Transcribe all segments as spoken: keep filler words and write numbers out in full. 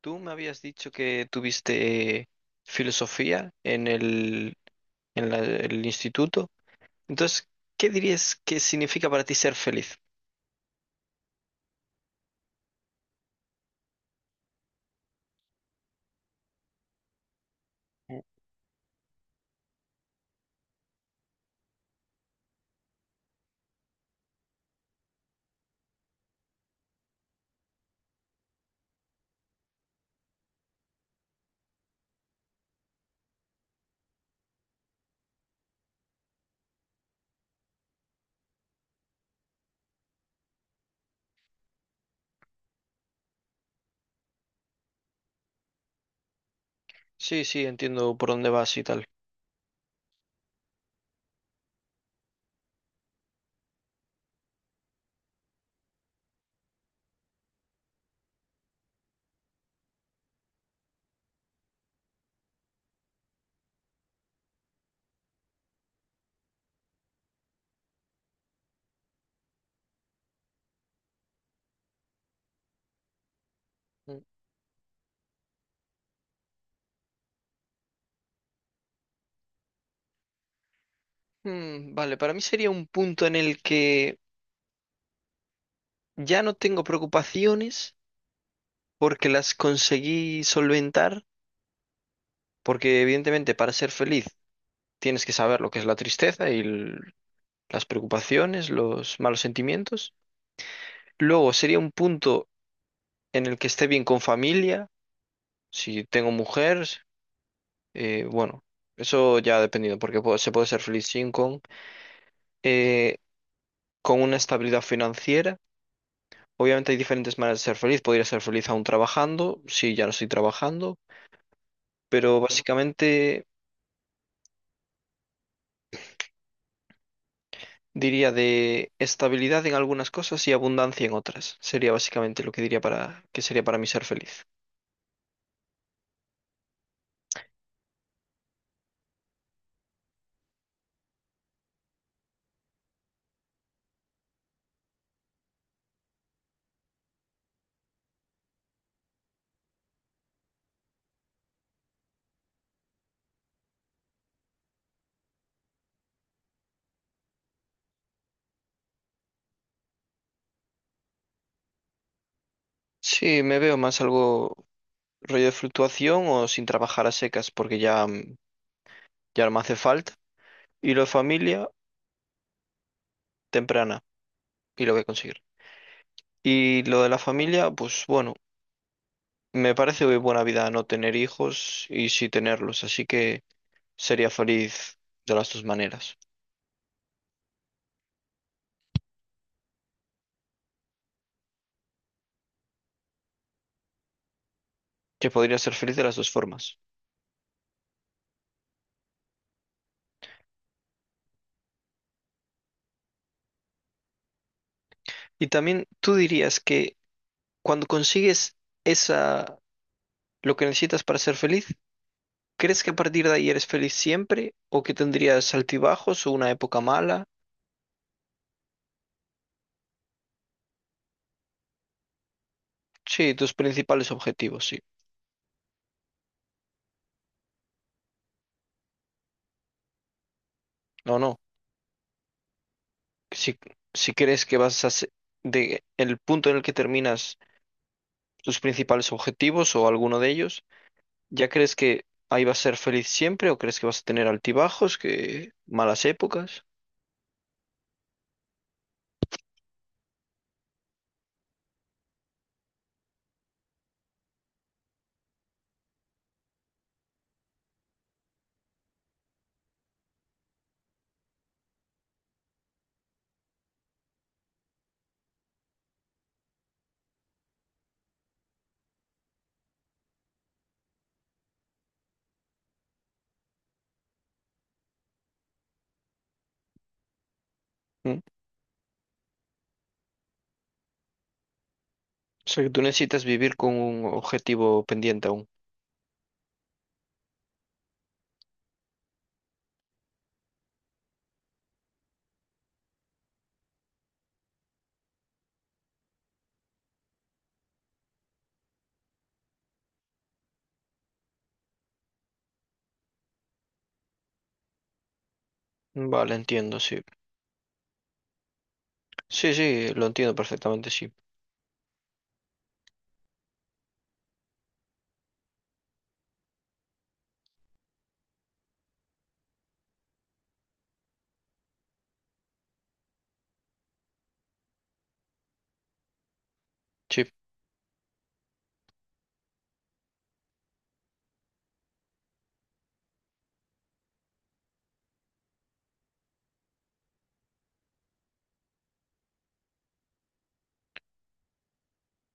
Tú me habías dicho que tuviste filosofía en el, en la- el instituto. Entonces, ¿qué dirías que significa para ti ser feliz? Mm. Sí, sí, entiendo por dónde vas y tal. Mm. Mm, vale, para mí sería un punto en el que ya no tengo preocupaciones porque las conseguí solventar, porque evidentemente para ser feliz tienes que saber lo que es la tristeza y el- las preocupaciones, los malos sentimientos. Luego sería un punto en el que esté bien con familia, si tengo mujer, eh, bueno, eso ya dependiendo, porque puede- se puede ser feliz sin con, eh, con una estabilidad financiera. Obviamente hay diferentes maneras de ser feliz, podría ser feliz aún trabajando, si ya no estoy trabajando, pero básicamente diría de estabilidad en algunas cosas y abundancia en otras. Sería básicamente lo que diría para, que sería para mí ser feliz. Sí, me veo más algo rollo de fluctuación o sin trabajar a secas, porque ya, mm, ya no me hace falta. Y lo de familia, temprana, y lo voy a conseguir. Y lo de la familia, pues bueno, me parece muy buena vida no tener hijos y sí tenerlos, así que sería feliz de las dos maneras, que podría ser feliz de las dos formas. Y también tú dirías que cuando consigues esa, lo que necesitas para ser feliz, ¿crees que a partir de ahí eres feliz siempre o que tendrías altibajos o una época mala? Sí, tus principales objetivos, sí. ¿O no? si, si crees que vas a se- de el punto en el que terminas tus principales objetivos o alguno de ellos, ¿ya crees que ahí vas a ser feliz siempre o crees que vas a tener altibajos, que malas épocas? ¿Mm? O sea, que tú necesitas vivir con un objetivo pendiente aún. Mm, vale, entiendo, sí. Sí, sí, lo entiendo perfectamente, sí. Sí.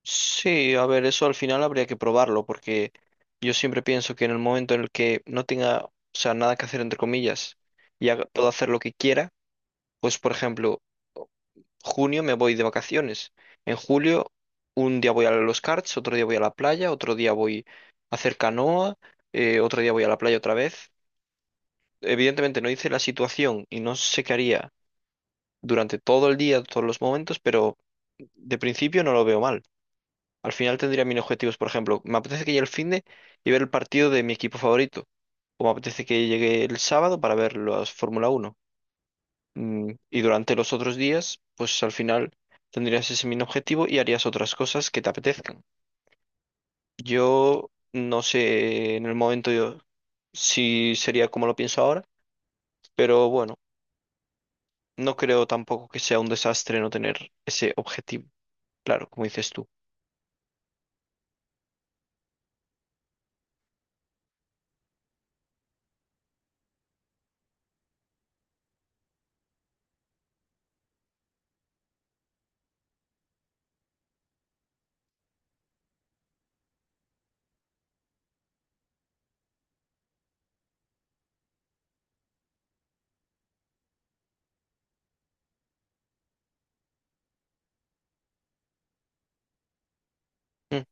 Sí, a ver, eso al final habría que probarlo, porque yo siempre pienso que en el momento en el que no tenga, o sea, nada que hacer, entre comillas, y haga- pueda hacer lo que quiera. Pues, por ejemplo, junio me voy de vacaciones. En julio, un día voy a los karts, otro día voy a la playa, otro día voy a hacer canoa, eh, otro día voy a la playa otra vez. Evidentemente no hice la situación y no sé qué haría durante todo el día, todos los momentos, pero de principio no lo veo mal. Al final tendría mis objetivos, por ejemplo, me apetece que llegue el finde y ver el partido de mi equipo favorito, o me apetece que llegue el sábado para ver las Fórmula Uno. Mm, y durante los otros días, pues al final tendrías ese mismo objetivo y harías otras cosas que te apetezcan. Yo No sé en el momento yo si sería como lo pienso ahora, pero bueno, no creo tampoco que sea un desastre no tener ese objetivo, claro, como dices tú. Mm.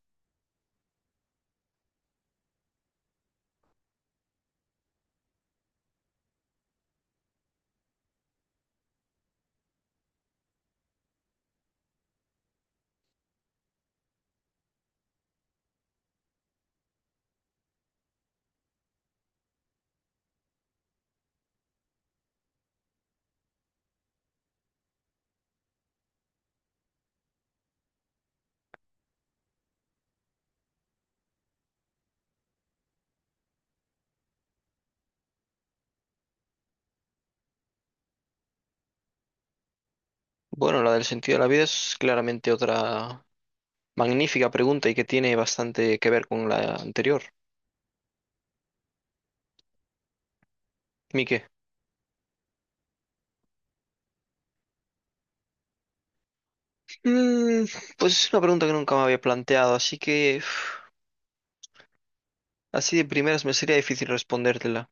Bueno, la del sentido de la vida es claramente otra magnífica pregunta y que tiene bastante que ver con la anterior. Mique. Mm, pues es una pregunta que nunca me había planteado, así que... uf, así de primeras me sería difícil respondértela.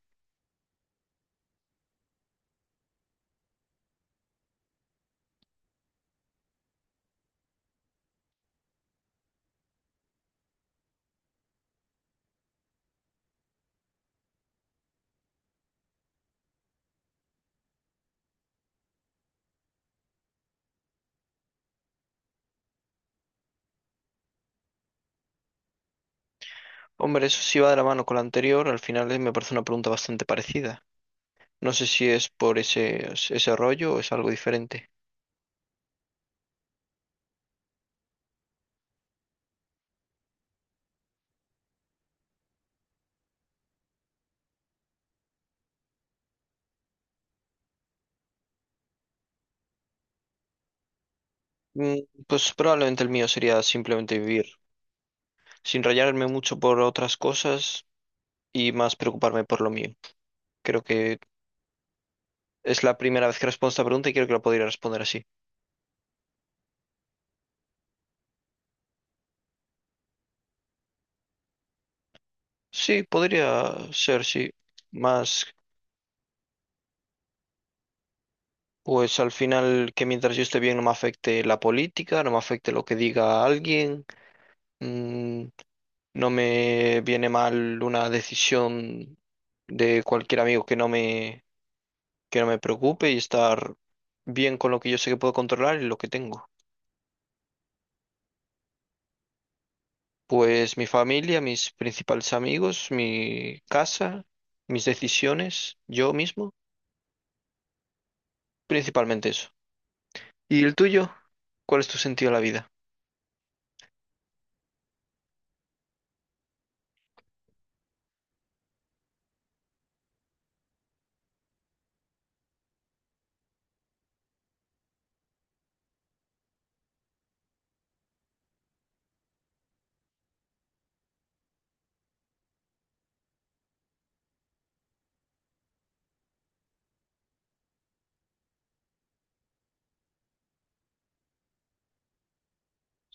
Hombre, eso sí va de la mano con la anterior, al final eh, me parece una pregunta bastante parecida. No sé si es por ese, ese rollo o es algo diferente. Mm, pues probablemente el mío sería simplemente vivir, sin rayarme mucho por otras cosas y más preocuparme por lo mío. Creo que es la primera vez que respondo esta pregunta y creo que la podría responder así. Sí, podría ser, sí. Más, pues al final que mientras yo esté bien no me afecte la política, no me afecte lo que diga alguien. Mm, no me viene mal una decisión de cualquier amigo que no me, que no me preocupe y estar bien con lo que yo sé que puedo controlar y lo que tengo. Pues mi familia, mis principales amigos, mi casa, mis decisiones, yo mismo, principalmente eso. ¿Y el tuyo? ¿Cuál es tu sentido a la vida?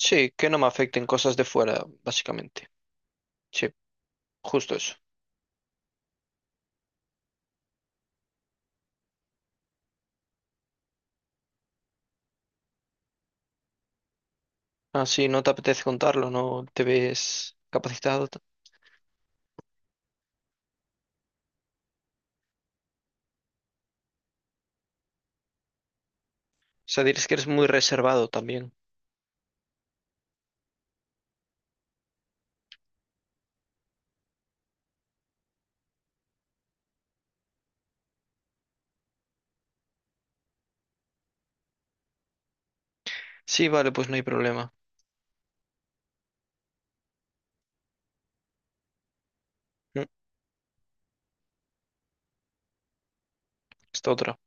Sí, que no me afecten cosas de fuera, básicamente. Sí, justo eso. Ah, sí, no te apetece contarlo, no te ves capacitado. O sea, dices que eres muy reservado también. Sí, vale, pues no hay problema. Mm, esta otra.